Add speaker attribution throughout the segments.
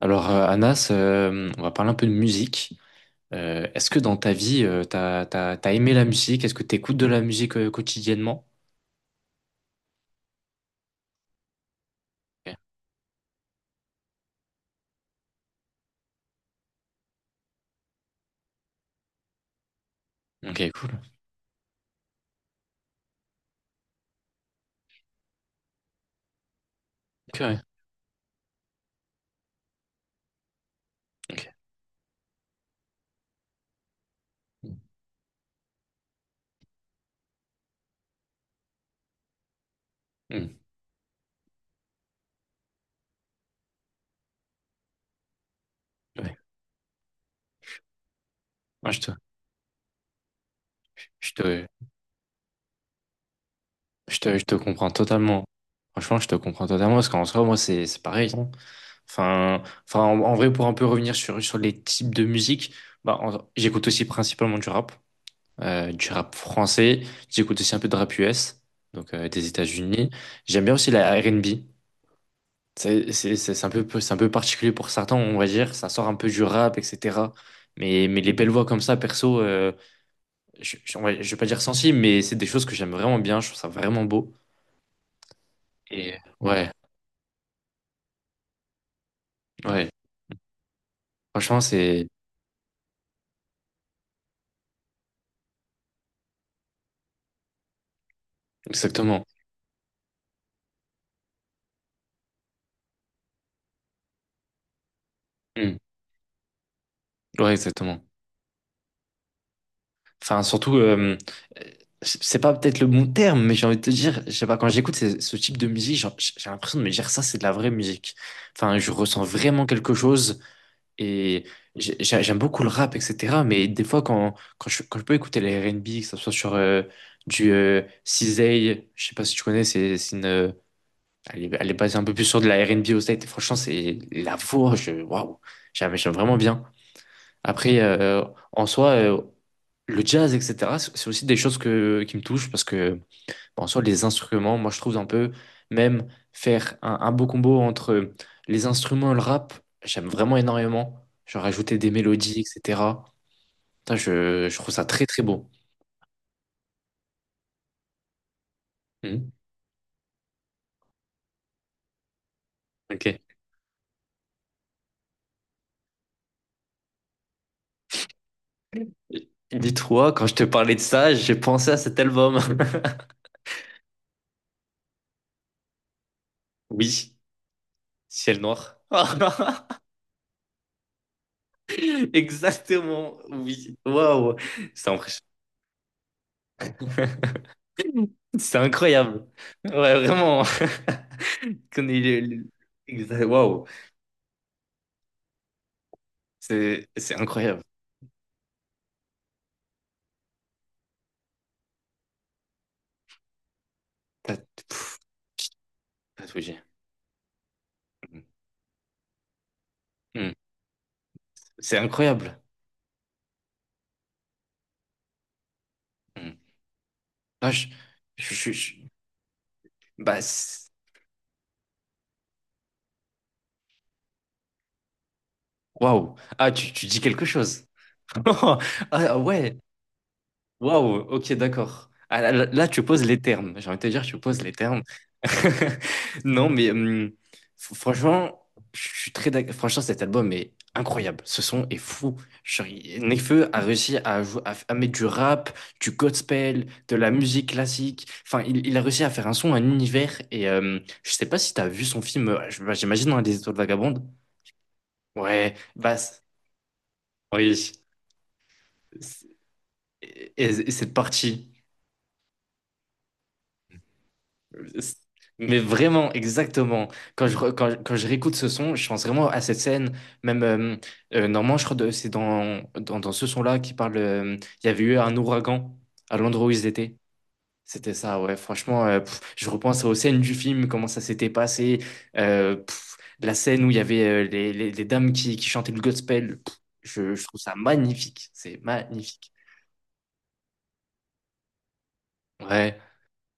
Speaker 1: Alors, Anas, on va parler un peu de musique. Est-ce que dans ta vie, t'as aimé la musique? Est-ce que t'écoutes de la musique quotidiennement? Ok. Ok, cool. Ok, ouais. Ok. Mm, ouais. Moi, je te, je te comprends totalement. Franchement, je te comprends totalement parce qu'en soi, moi, c'est pareil, hein. Enfin, en vrai, pour un peu revenir sur les types de musique, bah, j'écoute aussi principalement du rap. Du rap français. J'écoute aussi un peu de rap US, donc des États-Unis. J'aime bien aussi la R&B. C'est un peu particulier pour certains, on va dire. Ça sort un peu du rap, etc. Mais les belles voix comme ça, perso, je vais pas dire sensible, mais c'est des choses que j'aime vraiment bien. Je trouve ça vraiment beau. Et ouais, ouais. Franchement, c'est exactement. Hmm. Ouais, exactement. Enfin, surtout, c'est pas peut-être le bon terme, mais j'ai envie de te dire, je sais pas, quand j'écoute ce type de musique, genre, j'ai l'impression de me dire ça, c'est de la vraie musique. Enfin, je ressens vraiment quelque chose et j'aime beaucoup le rap, etc. Mais des fois, quand je peux écouter les R&B, que ce soit sur du CZA, je sais pas si tu connais, c'est une. Elle est basée un peu plus sur de la R&B au States. Et franchement, c'est la voix, waouh, j'aime vraiment bien. Après, en soi, le jazz, etc., c'est aussi des choses qui me touchent parce que, bon, en soi, les instruments, moi, je trouve un peu, même faire un beau combo entre les instruments et le rap, j'aime vraiment énormément. Genre ajouter des mélodies, etc. Putain, je trouve ça très, très beau. Hmm. Ok. Dis-toi, quand je te parlais de ça, j'ai pensé à cet album. Oui, ciel noir. Exactement, oui. Waouh, c'est impressionnant. C'est incroyable. Ouais, vraiment. Connais les… Waouh, c'est incroyable. T'as pff, t'as tout dit. Mm. Mm. C'est incroyable. Mm. Ah, je, je- je- bah, waouh. Ah, tu dis quelque chose. Ah ouais. Waouh, ok, d'accord. Ah, là, tu poses les termes. J'ai envie de te dire, tu poses les termes. Non, mais franchement, je suis très d'ac- Franchement, cet album est incroyable. Ce son est fou. Genre, Nekfeu a réussi à, jou- à, f- à mettre du rap, du gospel, de la musique classique. Enfin, il a réussi à faire un son, un univers. Et je sais pas si tu as vu son film, bah, j'imagine, dans Les Étoiles Vagabondes. Ouais, oui. C'est- Et, et cette partie. Mais vraiment, exactement. Quand je réécoute ce son, je pense vraiment à cette scène. Même, normalement, je crois que c'est dans ce son-là qui parle. Il y avait eu un ouragan à l'endroit où ils étaient. C'était ça, ouais. Franchement, je repense aux scènes du film, comment ça s'était passé. La scène où il y avait les dames qui chantaient le gospel. Je trouve ça magnifique. C'est magnifique. Ouais.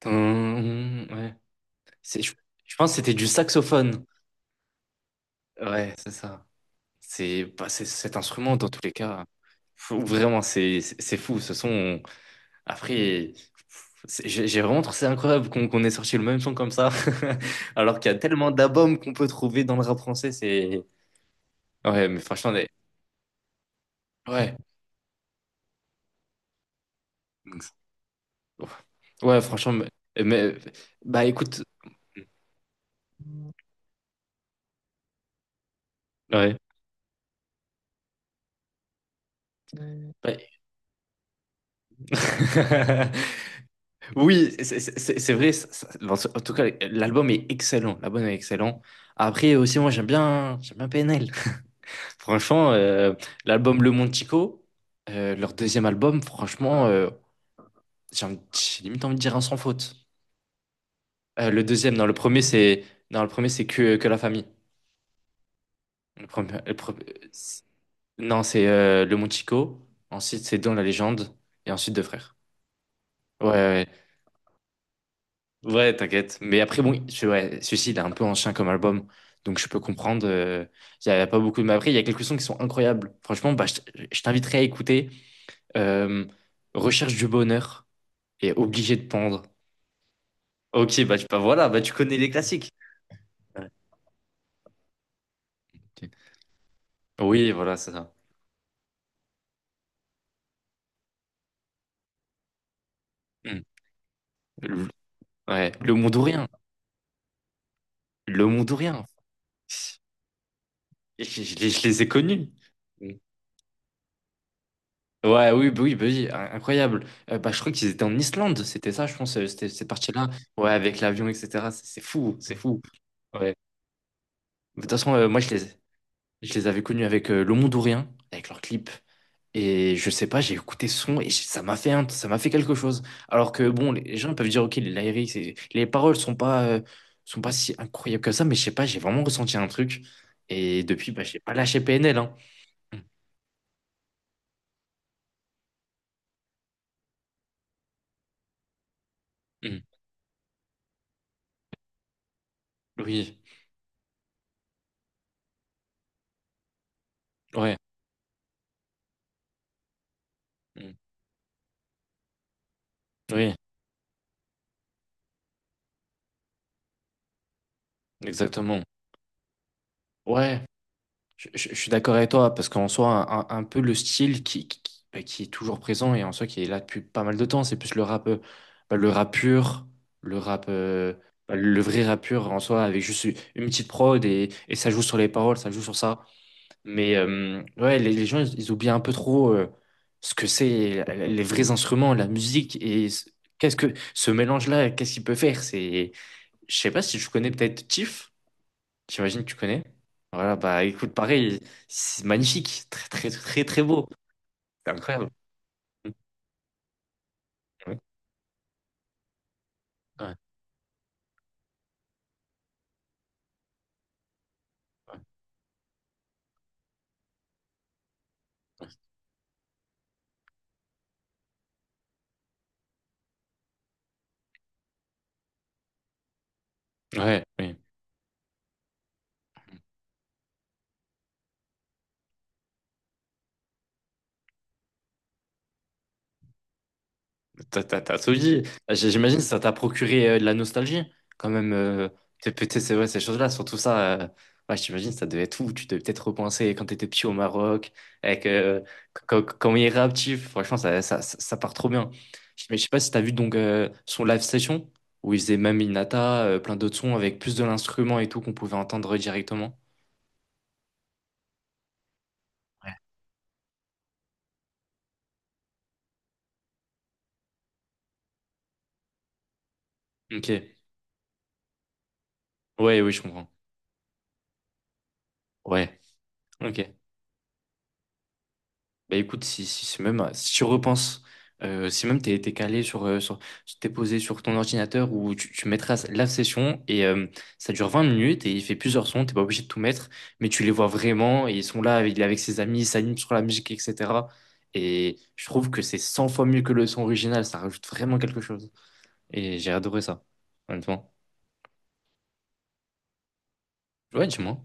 Speaker 1: Tum, ouais. C'est, je, je pense que c'était du saxophone. Ouais, c'est ça. C'est bah, c'est- cet instrument, dans tous les cas, vraiment, c'est fou. Ce son, après, j'ai vraiment trouvé ça incroyable qu'on ait sorti le même son comme ça, alors qu'il y a tellement d'albums qu'on peut trouver dans le rap français. C'est Ouais, mais franchement, ouais. Donc, ouais, franchement, mais- bah, écoute, ouais. Bah. Oui, c'est vrai. Bon, en tout cas, l'album est excellent. L'album est excellent. Après aussi, moi, j'aime bien PNL. Franchement, l'album Le Montico, leur deuxième album, franchement, j'ai limite envie de dire un sans faute. Le deuxième, non, le premier, c'est non, le premier, c'est Que la famille. Le premier- le pre- c'est- Non, c'est Le Montico, ensuite c'est Dans la légende, et ensuite Deux frères. Ouais, ouais, ouais, ouais, t'inquiète. Mais après, bon, ouais, celui-ci, il est un peu ancien comme album, donc je peux comprendre. Y a pas beaucoup de… Mais après, il y a quelques sons qui sont incroyables. Franchement, bah, je t'inviterai à écouter euh, Recherche du bonheur. Et obligé de pendre. Ok, bah, bah voilà, bah tu connais les classiques. Ouais. Oui, voilà, c'est ça. Hmm. Le, ouais, le Mondorien. Le Mondorien. Je les ai connus. Hmm. Ouais, oui, bah oui, bah oui, incroyable. Bah, je crois qu'ils étaient en Islande, c'était ça, je pense, c'était cette partie-là. Ouais, avec l'avion, etc. C'est fou, c'est fou. Ouais. De toute façon, moi, je les avais connus avec Le Mondorien, avec leur clip. Et je sais pas, j'ai écouté ce son et ça m'a fait quelque chose. Alors que bon, les gens peuvent dire ok, les lyrics, les paroles sont pas si incroyables que ça, mais je sais pas, j'ai vraiment ressenti un truc. Et depuis, bah, j'ai pas lâché PNL, hein. Mm, mm. Oui, ouais, mm, oui, exactement. Ouais, je suis d'accord avec toi, parce qu'en soi, un peu le style qui bah, qui est toujours présent et en soi qui est là depuis pas mal de temps, c'est plus le rap, bah, le rap pur, le rap, euh, bah, le vrai rap pur en soi, avec juste une petite prod et ça joue sur les paroles, ça joue sur ça. Mais ouais, les gens, ils oublient un peu trop ce que c'est, les vrais instruments, la musique et qu'est-ce que ce mélange-là, qu'est-ce qu'il peut faire? Je sais pas si je connais peut-être Tiff. J'imagine que tu connais. Voilà, bah écoute, pareil, c'est magnifique, très très très très beau. C'est incroyable. Ouais, ouais, ouais. Ouais, oui. T'as tout dit. J'imagine que ça t'a procuré de la nostalgie, quand même. Peut-être, c'est vrai, ces choses-là, surtout ça. Ouais, j'imagine que ça devait être fou. Tu devais peut-être repenser quand t'étais petit au Maroc, avec comment il est réactif. Franchement, ça part trop bien. Mais je sais pas si t'as vu donc son live session, où il faisait même Inata, plein d'autres sons avec plus de l'instrument et tout qu'on pouvait entendre directement. Ok. Ouais, oui, je comprends. Ouais. Ok. Bah écoute, si tu repenses, si même t'es calé sur, t'es posé sur ton ordinateur où tu mettras la session et ça dure 20 minutes et il fait plusieurs sons, t'es pas obligé de tout mettre, mais tu les vois vraiment et ils sont là, il est avec ses amis, il s'anime sur la musique, etc. Et je trouve que c'est 100 fois mieux que le son original, ça rajoute vraiment quelque chose. Et j'ai adoré ça, honnêtement. Ouais, dis-moi.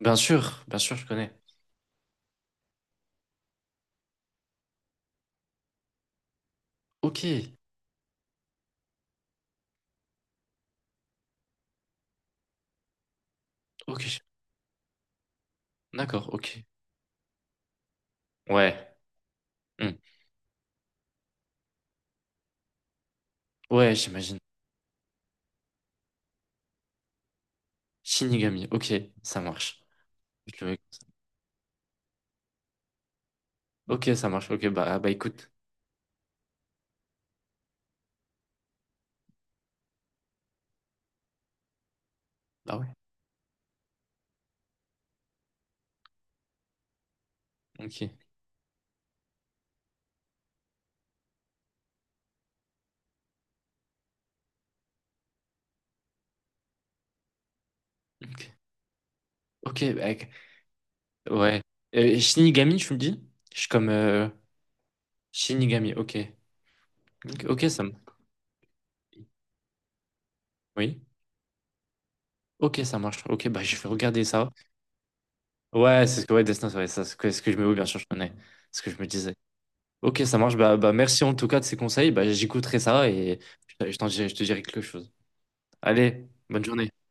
Speaker 1: Bien sûr, je connais. Ok, ok, d'accord, ok. Ouais, hmm. Ouais, j'imagine. Shinigami, ok, ça marche. Je le mets comme ça. Ok, ça marche, ok, bah, ah, bah écoute. Bah ouais, ok, ok. Ok, bah, ok. Ouais. Shinigami, tu me dis? Je suis comme Shinigami, ok. Ok, ok, ça me… Oui? Ok, ça marche. Ok, bah je vais regarder ça. Ouais, c'est ce que, ouais, Destin, ouais, ça, c'est ce que je me… Oui, bien sûr, je connais. Ce que je me disais. Ok, ça marche. Bah, bah merci en tout cas de ces conseils. Bah, j'écouterai ça et je te dirai quelque chose. Allez, bonne journée.